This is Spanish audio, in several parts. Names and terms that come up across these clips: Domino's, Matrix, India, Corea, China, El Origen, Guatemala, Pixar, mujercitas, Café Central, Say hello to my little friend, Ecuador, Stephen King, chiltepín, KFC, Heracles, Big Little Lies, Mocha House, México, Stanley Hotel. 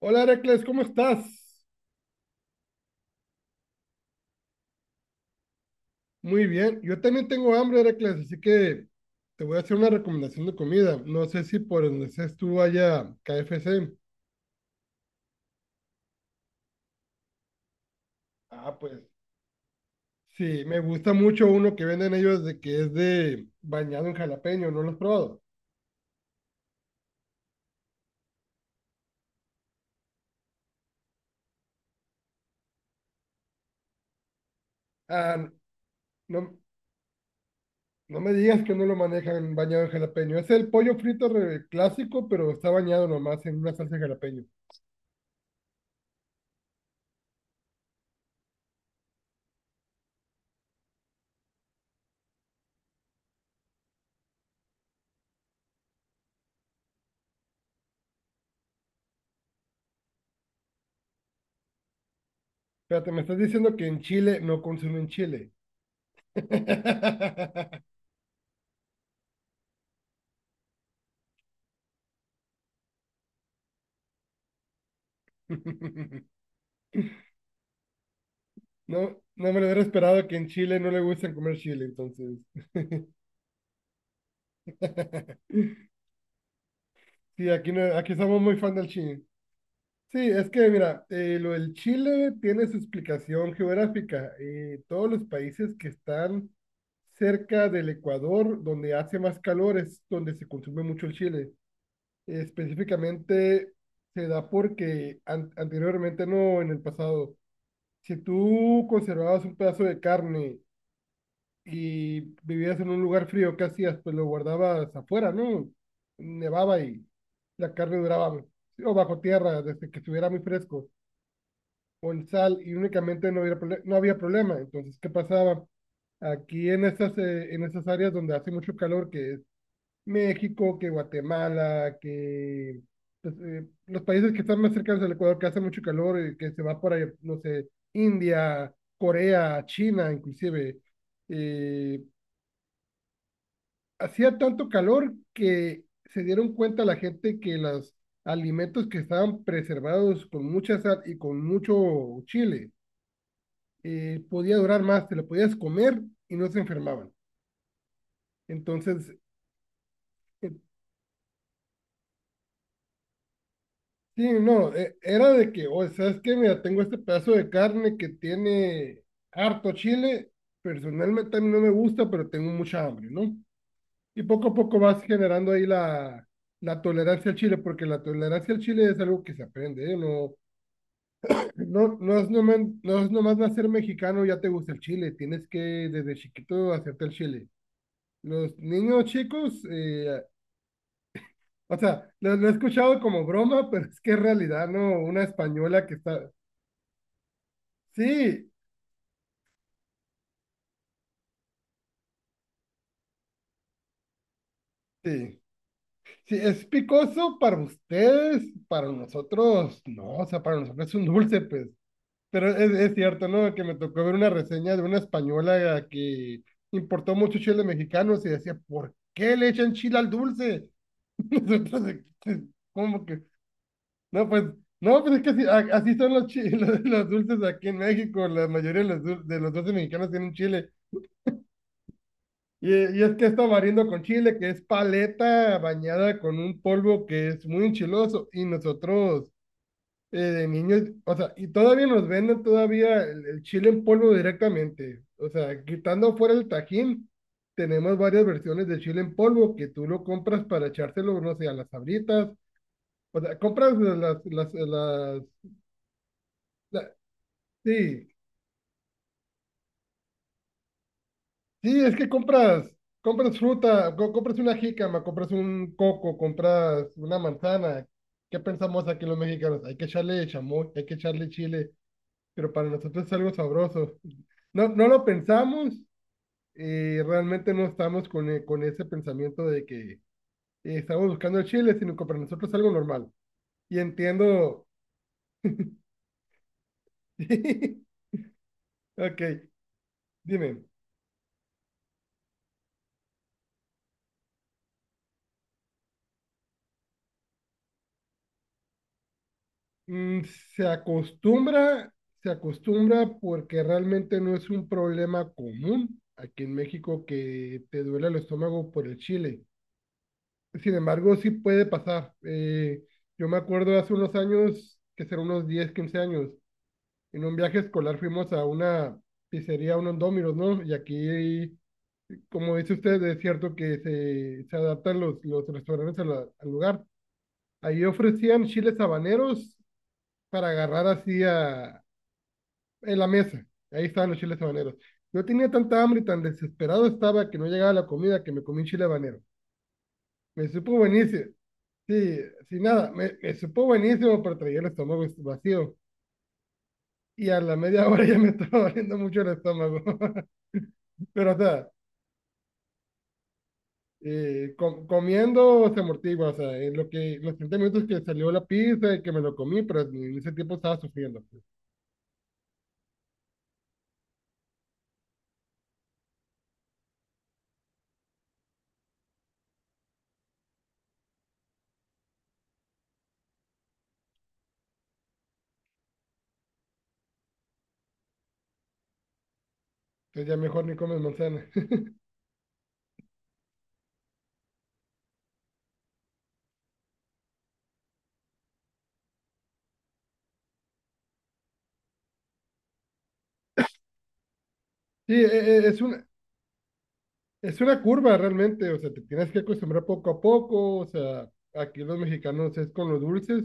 Hola Heracles, ¿cómo estás? Muy bien, yo también tengo hambre Heracles, así que te voy a hacer una recomendación de comida. No sé si por donde estés tú haya KFC. Ah, pues sí, me gusta mucho uno que venden ellos de que es de bañado en jalapeño, ¿no lo has probado? Ah, no, no me digas que no lo manejan bañado en jalapeño. Es el pollo frito clásico, pero está bañado nomás en una salsa de jalapeño. Espérate, me estás diciendo que en Chile no consumen chile. No, no me lo hubiera esperado que en Chile no le gusten comer chile, entonces. Sí, aquí, no, aquí somos muy fan del chile. Sí, es que mira, lo del Chile tiene su explicación geográfica. Todos los países que están cerca del Ecuador, donde hace más calor, es donde se consume mucho el chile. Específicamente se da porque anteriormente no, en el pasado, si tú conservabas un pedazo de carne y vivías en un lugar frío, ¿qué hacías? Pues lo guardabas afuera, ¿no? Nevaba y la carne duraba, sí, o bajo tierra, desde que estuviera muy fresco, o en sal, y únicamente no había, no había problema. Entonces, ¿qué pasaba? Aquí en esas áreas donde hace mucho calor, que es México, que Guatemala, que pues, los países que están más cercanos al Ecuador, que hace mucho calor, y que se va por ahí, no sé, India, Corea, China, inclusive, eh, hacía tanto calor que se dieron cuenta la gente que los alimentos que estaban preservados con mucha sal y con mucho chile podía durar más, te lo podías comer y no se enfermaban. Entonces, eh, sí, no, era de que, o sea, es que mira, tengo este pedazo de carne que tiene harto chile, personalmente a mí no me gusta, pero tengo mucha hambre, ¿no? Y poco a poco vas generando ahí la tolerancia al chile, porque la tolerancia al chile es algo que se aprende, ¿eh? No, No, no es nomás, no es nomás nacer mexicano, ya te gusta el chile. Tienes que desde chiquito hacerte el chile. Los niños chicos, o sea, lo he escuchado como broma, pero es que en realidad no, una española que está. Sí, sí, sí, es picoso para ustedes, para nosotros, no, o sea, para nosotros es un dulce, pues. Pero es cierto, ¿no? Que me tocó ver una reseña de una española que importó mucho chile mexicano y decía, ¿por qué le echan chile al dulce? Nosotros aquí, ¿cómo que? No, pues, no, pues es que así, así son los, los dulces aquí en México. La mayoría de los, de los dulces mexicanos tienen chile. Y es que está variando con chile, que es paleta bañada con un polvo que es muy enchiloso. Y nosotros, de niños, o sea, y todavía nos venden todavía el chile en polvo directamente. O sea, quitando fuera el tajín, tenemos varias versiones de chile en polvo que tú lo compras para echárselo, no sé, a las sabritas. O sea, compras las, la- sí, sí, es que compras, compras fruta, compras una jícama, compras un coco, compras una manzana. ¿Qué pensamos aquí los mexicanos? Hay que echarle chamoy, hay que echarle chile, pero para nosotros es algo sabroso. No, no lo pensamos y realmente no estamos con, con ese pensamiento de que estamos buscando el chile, sino que para nosotros es algo normal. Y entiendo. Ok, dime. Mm, Se acostumbra, se acostumbra porque realmente no es un problema común aquí en México que te duele el estómago por el chile. Sin embargo, sí puede pasar. Yo me acuerdo hace unos años, que serán unos 10 15 años, en un viaje escolar fuimos a una pizzería, unos Domino's, ¿no? Y aquí, como dice usted, es cierto que se adaptan los restaurantes a al lugar. Ahí ofrecían chiles habaneros para agarrar así a, en la mesa. Ahí estaban los chiles habaneros. Yo tenía tanta hambre y tan desesperado estaba que no llegaba la comida que me comí un chile habanero. Me supo buenísimo. Sí, sin nada, me supo buenísimo, pero traía el estómago vacío. Y a la media hora ya me estaba doliendo mucho el estómago. Pero, o sea, comiendo se amortigua, o sea, en lo que, los 30 minutos que salió la pizza y que me lo comí, pero en ese tiempo estaba sufriendo, pues. Entonces ya mejor ni comes manzana. Sí, es un, es una curva realmente, o sea, te tienes que acostumbrar poco a poco, o sea, aquí los mexicanos es con los dulces,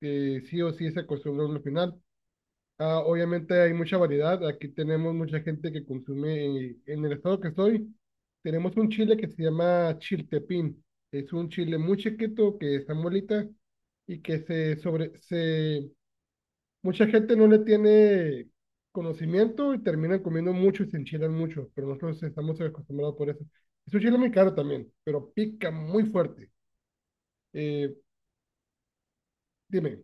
que sí o sí se acostumbran al final. Ah, obviamente hay mucha variedad, aquí tenemos mucha gente que consume, en el estado que estoy, tenemos un chile que se llama chiltepín, es un chile muy chiquito que está molita y que se sobre, se mucha gente no le tiene conocimiento y terminan comiendo mucho y se enchilan mucho, pero nosotros estamos acostumbrados por eso. Es un chile muy caro también, pero pica muy fuerte. Eh, Dime,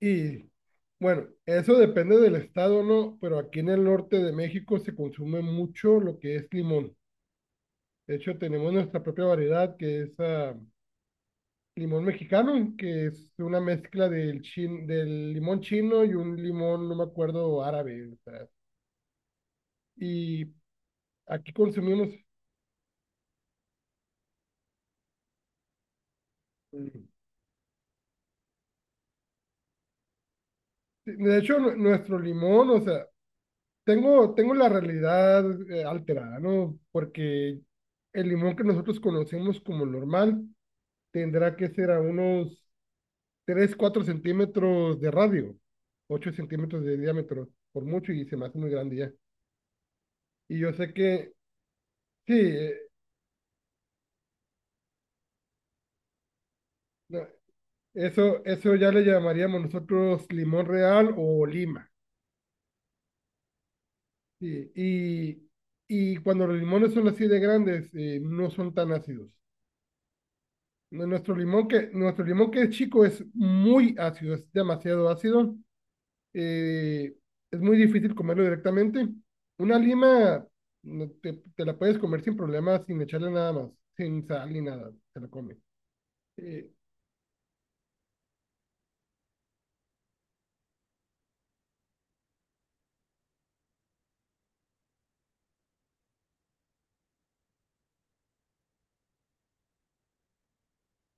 y bueno, eso depende del estado, ¿no? Pero aquí en el norte de México se consume mucho lo que es limón. De hecho, tenemos nuestra propia variedad que es limón mexicano, que es una mezcla del, del limón chino y un limón, no me acuerdo, árabe. O sea, y aquí consumimos. De hecho, nuestro limón, o sea, tengo la realidad alterada, ¿no? Porque el limón que nosotros conocemos como normal tendrá que ser a unos 3 4 centímetros de radio, 8 centímetros de diámetro, por mucho, y se me hace muy grande ya. Y yo sé que, sí, no, eso ya le llamaríamos nosotros limón real o lima. Sí, y cuando los limones son así de grandes, no son tan ácidos. Nuestro limón que es chico es muy ácido, es demasiado ácido. eh, es muy difícil comerlo directamente. Una lima no, te la puedes comer sin problema, sin echarle nada más, sin sal ni nada, se la come. Eh,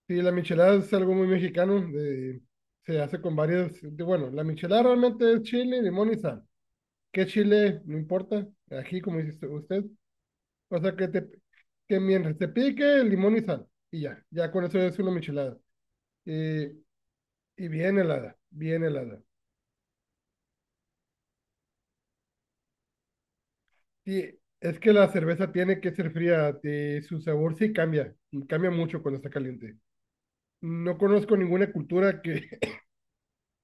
sí, la michelada es algo muy mexicano, se hace con varias, bueno, la michelada realmente es chile, limón y sal. ¿Qué chile? No importa, aquí como dice usted. O sea, que te, que mientras te pique, limón y sal. Y ya, ya con eso es una michelada. Y, y bien helada, bien helada. Y es que la cerveza tiene que ser fría, su sabor sí cambia, y cambia mucho cuando está caliente. No conozco ninguna cultura que,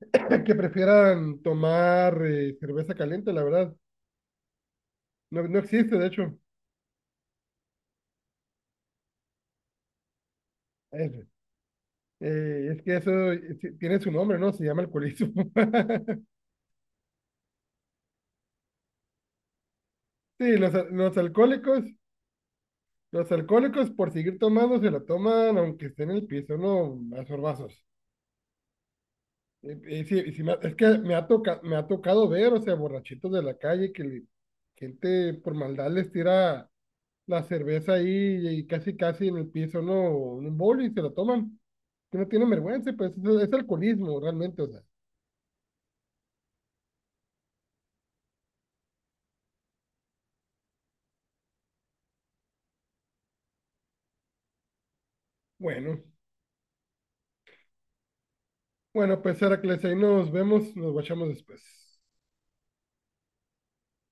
que prefieran tomar cerveza caliente, la verdad. No, no existe, de hecho. Es, es que eso tiene su nombre, ¿no? Se llama alcoholismo. Sí, los, los alcohólicos, los alcohólicos, por seguir tomando, se la toman aunque esté en el piso, no a sorbazos. Y, y sí me es que me ha, toca, me ha tocado ver, o sea, borrachitos de la calle gente por maldad les tira la cerveza ahí y casi, casi en el piso, no, en un bol y se la toman. Que no tienen vergüenza, pues es alcoholismo realmente, o sea. Bueno, bueno, pues Heracles, ahí nos vemos, nos guachamos después.